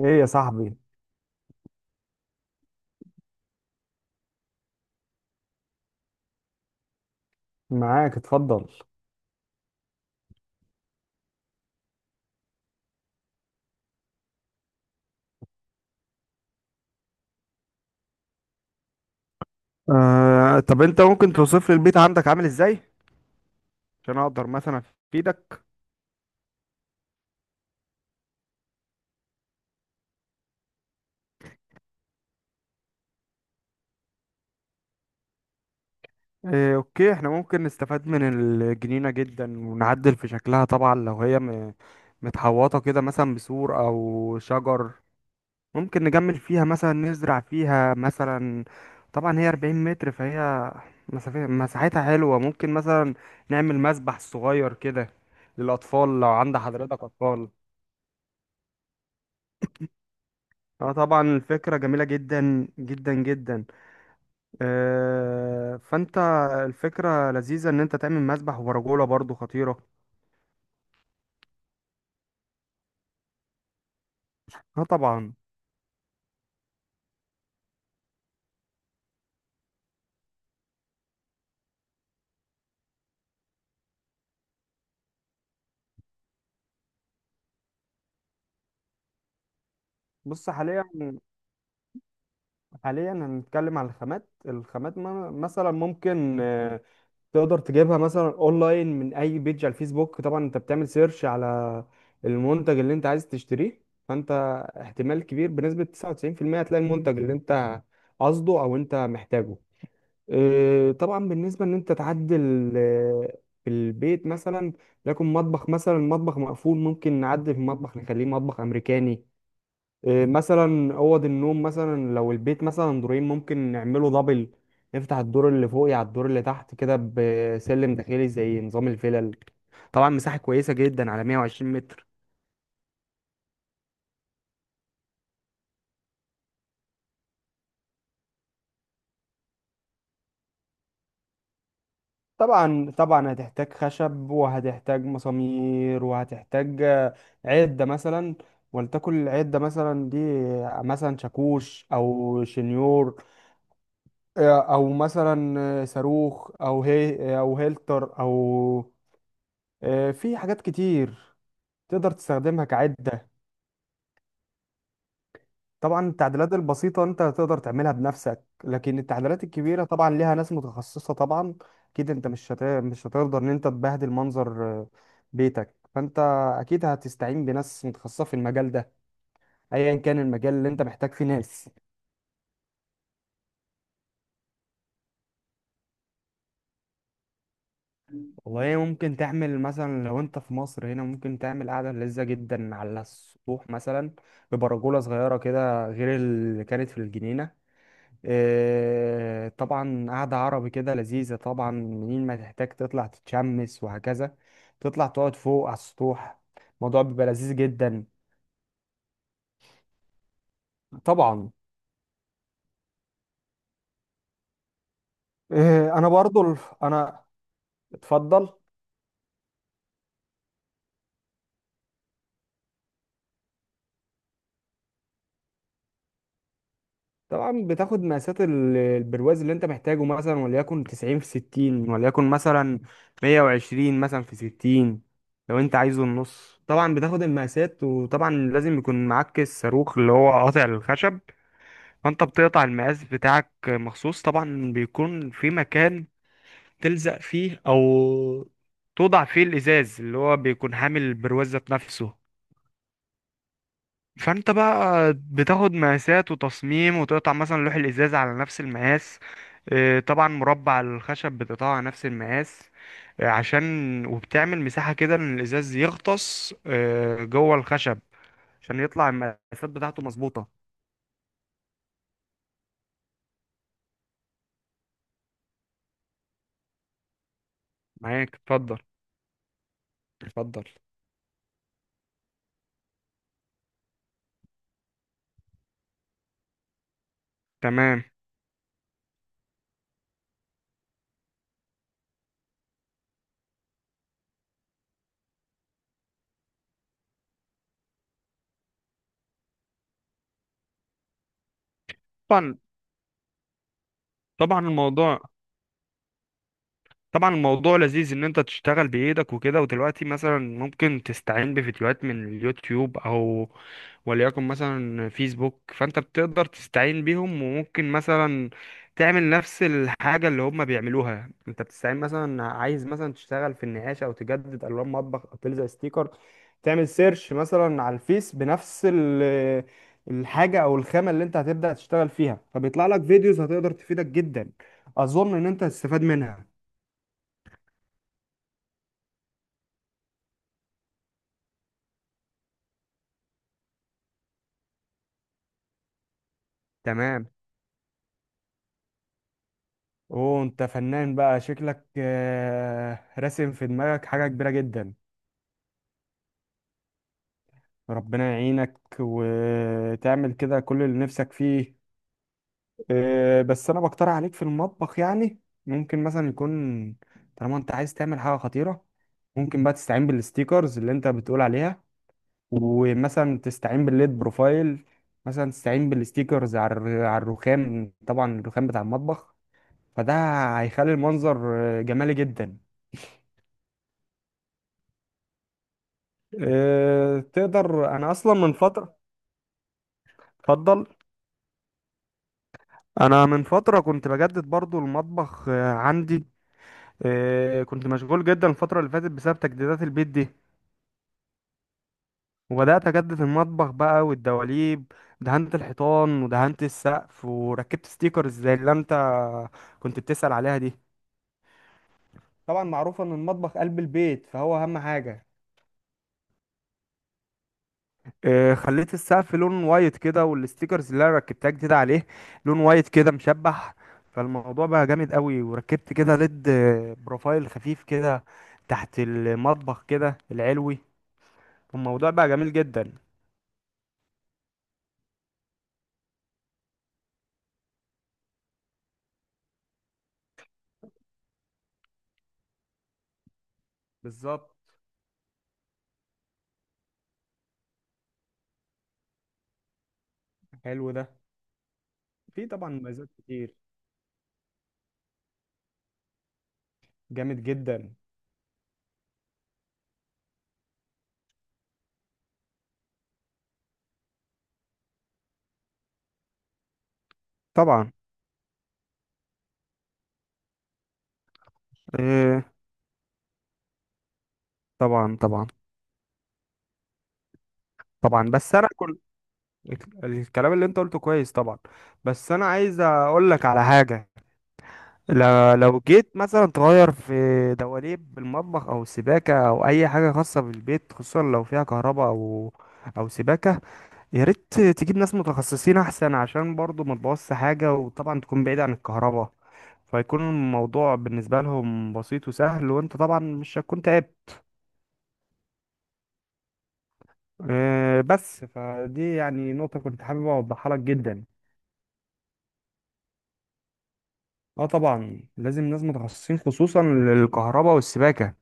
ايه يا صاحبي. معاك اتفضل. طب انت ممكن توصف لي البيت عندك عامل ازاي؟ عشان اقدر مثلا افيدك. اوكي، احنا ممكن نستفاد من الجنينة جدا ونعدل في شكلها، طبعا لو هي متحوطة كده مثلا بسور او شجر. ممكن نجمل فيها مثلا، نزرع فيها مثلا. طبعا هي 40 متر، فهي مساحتها حلوة، ممكن مثلا نعمل مسبح صغير كده للأطفال، لو عند حضرتك أطفال. اه طبعا، الفكرة جميلة جدا جدا جدا. فانت، الفكرة لذيذة ان انت تعمل مسبح ورجولة برضو خطيرة. اه طبعا. بص حاليا، هنتكلم على الخامات. مثلا ممكن، تقدر تجيبها مثلا اونلاين من اي بيج على الفيسبوك. طبعا انت بتعمل سيرش على المنتج اللي انت عايز تشتريه، فانت احتمال كبير بنسبة 99% هتلاقي المنتج اللي انت قصده او انت محتاجه. طبعا بالنسبه ان انت تعدل في البيت مثلا، لكن مطبخ، مثلا مطبخ مقفول، ممكن نعدل في المطبخ نخليه مطبخ امريكاني. مثلا اوض النوم، مثلا لو البيت مثلا دورين ممكن نعمله دبل، نفتح الدور اللي فوقي على الدور اللي تحت كده بسلم داخلي زي نظام الفلل. طبعا مساحه كويسه جدا على 120 متر. طبعا طبعا هتحتاج خشب وهتحتاج مسامير وهتحتاج عدة مثلا. ولتكن العدة مثلا دي، مثلا شاكوش او شنيور، او مثلا صاروخ، او هي او هيلتر، او في حاجات كتير تقدر تستخدمها كعدة. طبعا التعديلات البسيطة انت تقدر تعملها بنفسك، لكن التعديلات الكبيرة طبعا ليها ناس متخصصة طبعا. اكيد انت مش هتقدر ان انت تبهدل منظر بيتك، فانت اكيد هتستعين بناس متخصصة في المجال ده، ايا كان المجال اللي انت محتاج فيه ناس. والله ممكن تعمل مثلا، لو انت في مصر هنا ممكن تعمل قعدة لذة جدا على السطوح مثلا، ببرجولة صغيرة كده غير اللي كانت في الجنينة. طبعا قعدة عربي كده لذيذة، طبعا منين ما تحتاج تطلع تتشمس وهكذا تطلع تقعد فوق على السطوح. الموضوع بيبقى لذيذ جدا. طبعا. آه، انا برضو ال- انا. اتفضل. طبعا بتاخد مقاسات البرواز اللي انت محتاجه، مثلا وليكن 90 في 60، وليكن مثلا 120 مثلا في 60 لو انت عايزه النص. طبعا بتاخد المقاسات، وطبعا لازم يكون معاك الصاروخ اللي هو قاطع الخشب. فانت بتقطع المقاس بتاعك مخصوص، طبعا بيكون في مكان تلزق فيه او توضع فيه الازاز اللي هو بيكون حامل البروزة بنفسه. فانت بقى بتاخد مقاسات وتصميم، وتقطع مثلا لوح الازاز على نفس المقاس. طبعا مربع الخشب بتقطعه على نفس المقاس. عشان وبتعمل مساحة كده ان الازاز يغطس جوه الخشب، عشان يطلع المقاسات بتاعته مظبوطة. معاك اتفضل اتفضل. تمام. طبعا. طبعا الموضوع لذيذ ان انت تشتغل بايدك وكده، ودلوقتي مثلا ممكن تستعين بفيديوهات من اليوتيوب او وليكن مثلا فيسبوك. فانت بتقدر تستعين بيهم، وممكن مثلا تعمل نفس الحاجة اللي هم بيعملوها. انت بتستعين مثلا، عايز مثلا تشتغل في النقاش او تجدد الوان مطبخ او تلزق ستيكر، تعمل سيرش مثلا على الفيس بنفس الحاجة او الخامة اللي انت هتبدأ تشتغل فيها، فبيطلع لك فيديوز هتقدر تفيدك جدا. اظن ان انت هتستفاد منها. تمام. اوه انت فنان بقى شكلك، راسم في دماغك حاجة كبيرة جدا. ربنا يعينك وتعمل كده كل اللي نفسك فيه. بس انا بقترح عليك في المطبخ يعني ممكن مثلا يكون، طالما انت عايز تعمل حاجة خطيرة، ممكن بقى تستعين بالستيكرز اللي انت بتقول عليها، ومثلا تستعين بالليد بروفايل، مثلا تستعين بالستيكرز على على الرخام، طبعا الرخام بتاع المطبخ. فده هيخلي المنظر جمالي جدا. تقدر. انا اصلا من فترة. اتفضل. انا من فتره كنت بجدد برضو المطبخ عندي. كنت مشغول جدا الفتره اللي فاتت بسبب تجديدات البيت دي، وبدات اجدد المطبخ بقى والدواليب. دهنت الحيطان ودهنت السقف وركبت ستيكرز زي اللي انت كنت بتسأل عليها دي. طبعا معروف ان المطبخ قلب البيت فهو اهم حاجه. خليت السقف لون وايت كده، والستيكرز اللي انا ركبتها جديد عليه لون وايت كده مشبح. فالموضوع بقى جامد قوي، وركبت كده ليد بروفايل خفيف كده تحت المطبخ كده العلوي. الموضوع بقى جميل جدا. بالظبط. حلو ده. في طبعا مميزات كتير. جامد جدا. طبعا آه، طبعا. طبعا طبعا بس انا كل الكلام اللي انت قلته كويس طبعا. بس انا عايز اقول لك على حاجة. لو جيت مثلا تغير في دواليب المطبخ او السباكه او اي حاجه خاصه بالبيت، خصوصا لو فيها كهرباء او سباكه، يا ريت تجيب ناس متخصصين احسن، عشان برضو ما تبوظش حاجه، وطبعا تكون بعيد عن الكهرباء. فيكون الموضوع بالنسبه لهم بسيط وسهل، وانت طبعا مش هتكون تعبت. بس فدي يعني نقطه كنت حابب اوضحها لك جدا. اه طبعا، لازم ناس متخصصين خصوصا للكهرباء والسباكه.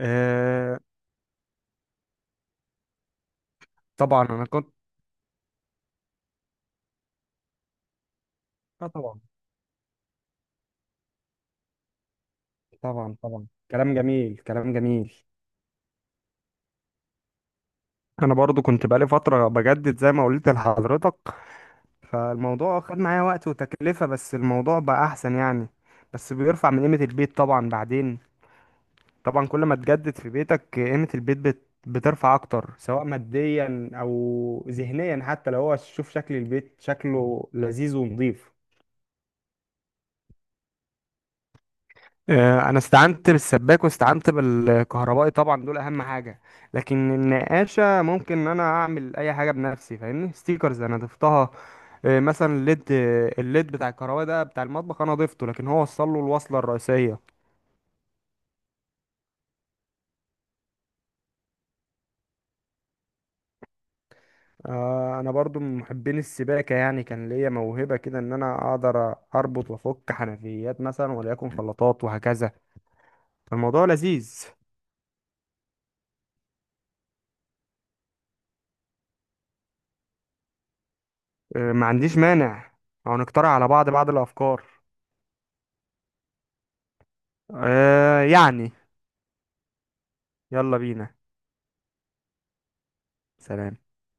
آه، طبعا انا كنت. اه طبعا. طبعا طبعا كلام جميل كلام جميل. انا برضو كنت بقالي فترة بجدد زي ما قلت لحضرتك. فالموضوع خد معايا وقت وتكلفة، بس الموضوع بقى احسن يعني. بس بيرفع من قيمة البيت طبعا، بعدين طبعا كل ما تجدد في بيتك قيمة البيت بترفع اكتر، سواء ماديا او ذهنيا، حتى لو هو شوف شكل البيت شكله لذيذ ونظيف. انا استعنت بالسباك واستعنت بالكهربائي، طبعا دول اهم حاجه. لكن النقاشه ممكن ان انا اعمل اي حاجه بنفسي، فاهمني، ستيكرز انا ضفتها. مثلا الليد، الليد بتاع الكهربائي ده بتاع المطبخ انا ضفته، لكن هو وصل له الوصله الرئيسيه. انا برضو من محبين السباكه يعني، كان ليا موهبه كده ان انا اقدر اربط وافك حنفيات مثلا وليكن خلاطات وهكذا. الموضوع لذيذ. ما عنديش مانع، او نقترح على بعض الافكار. آه يعني. يلا بينا. سلام.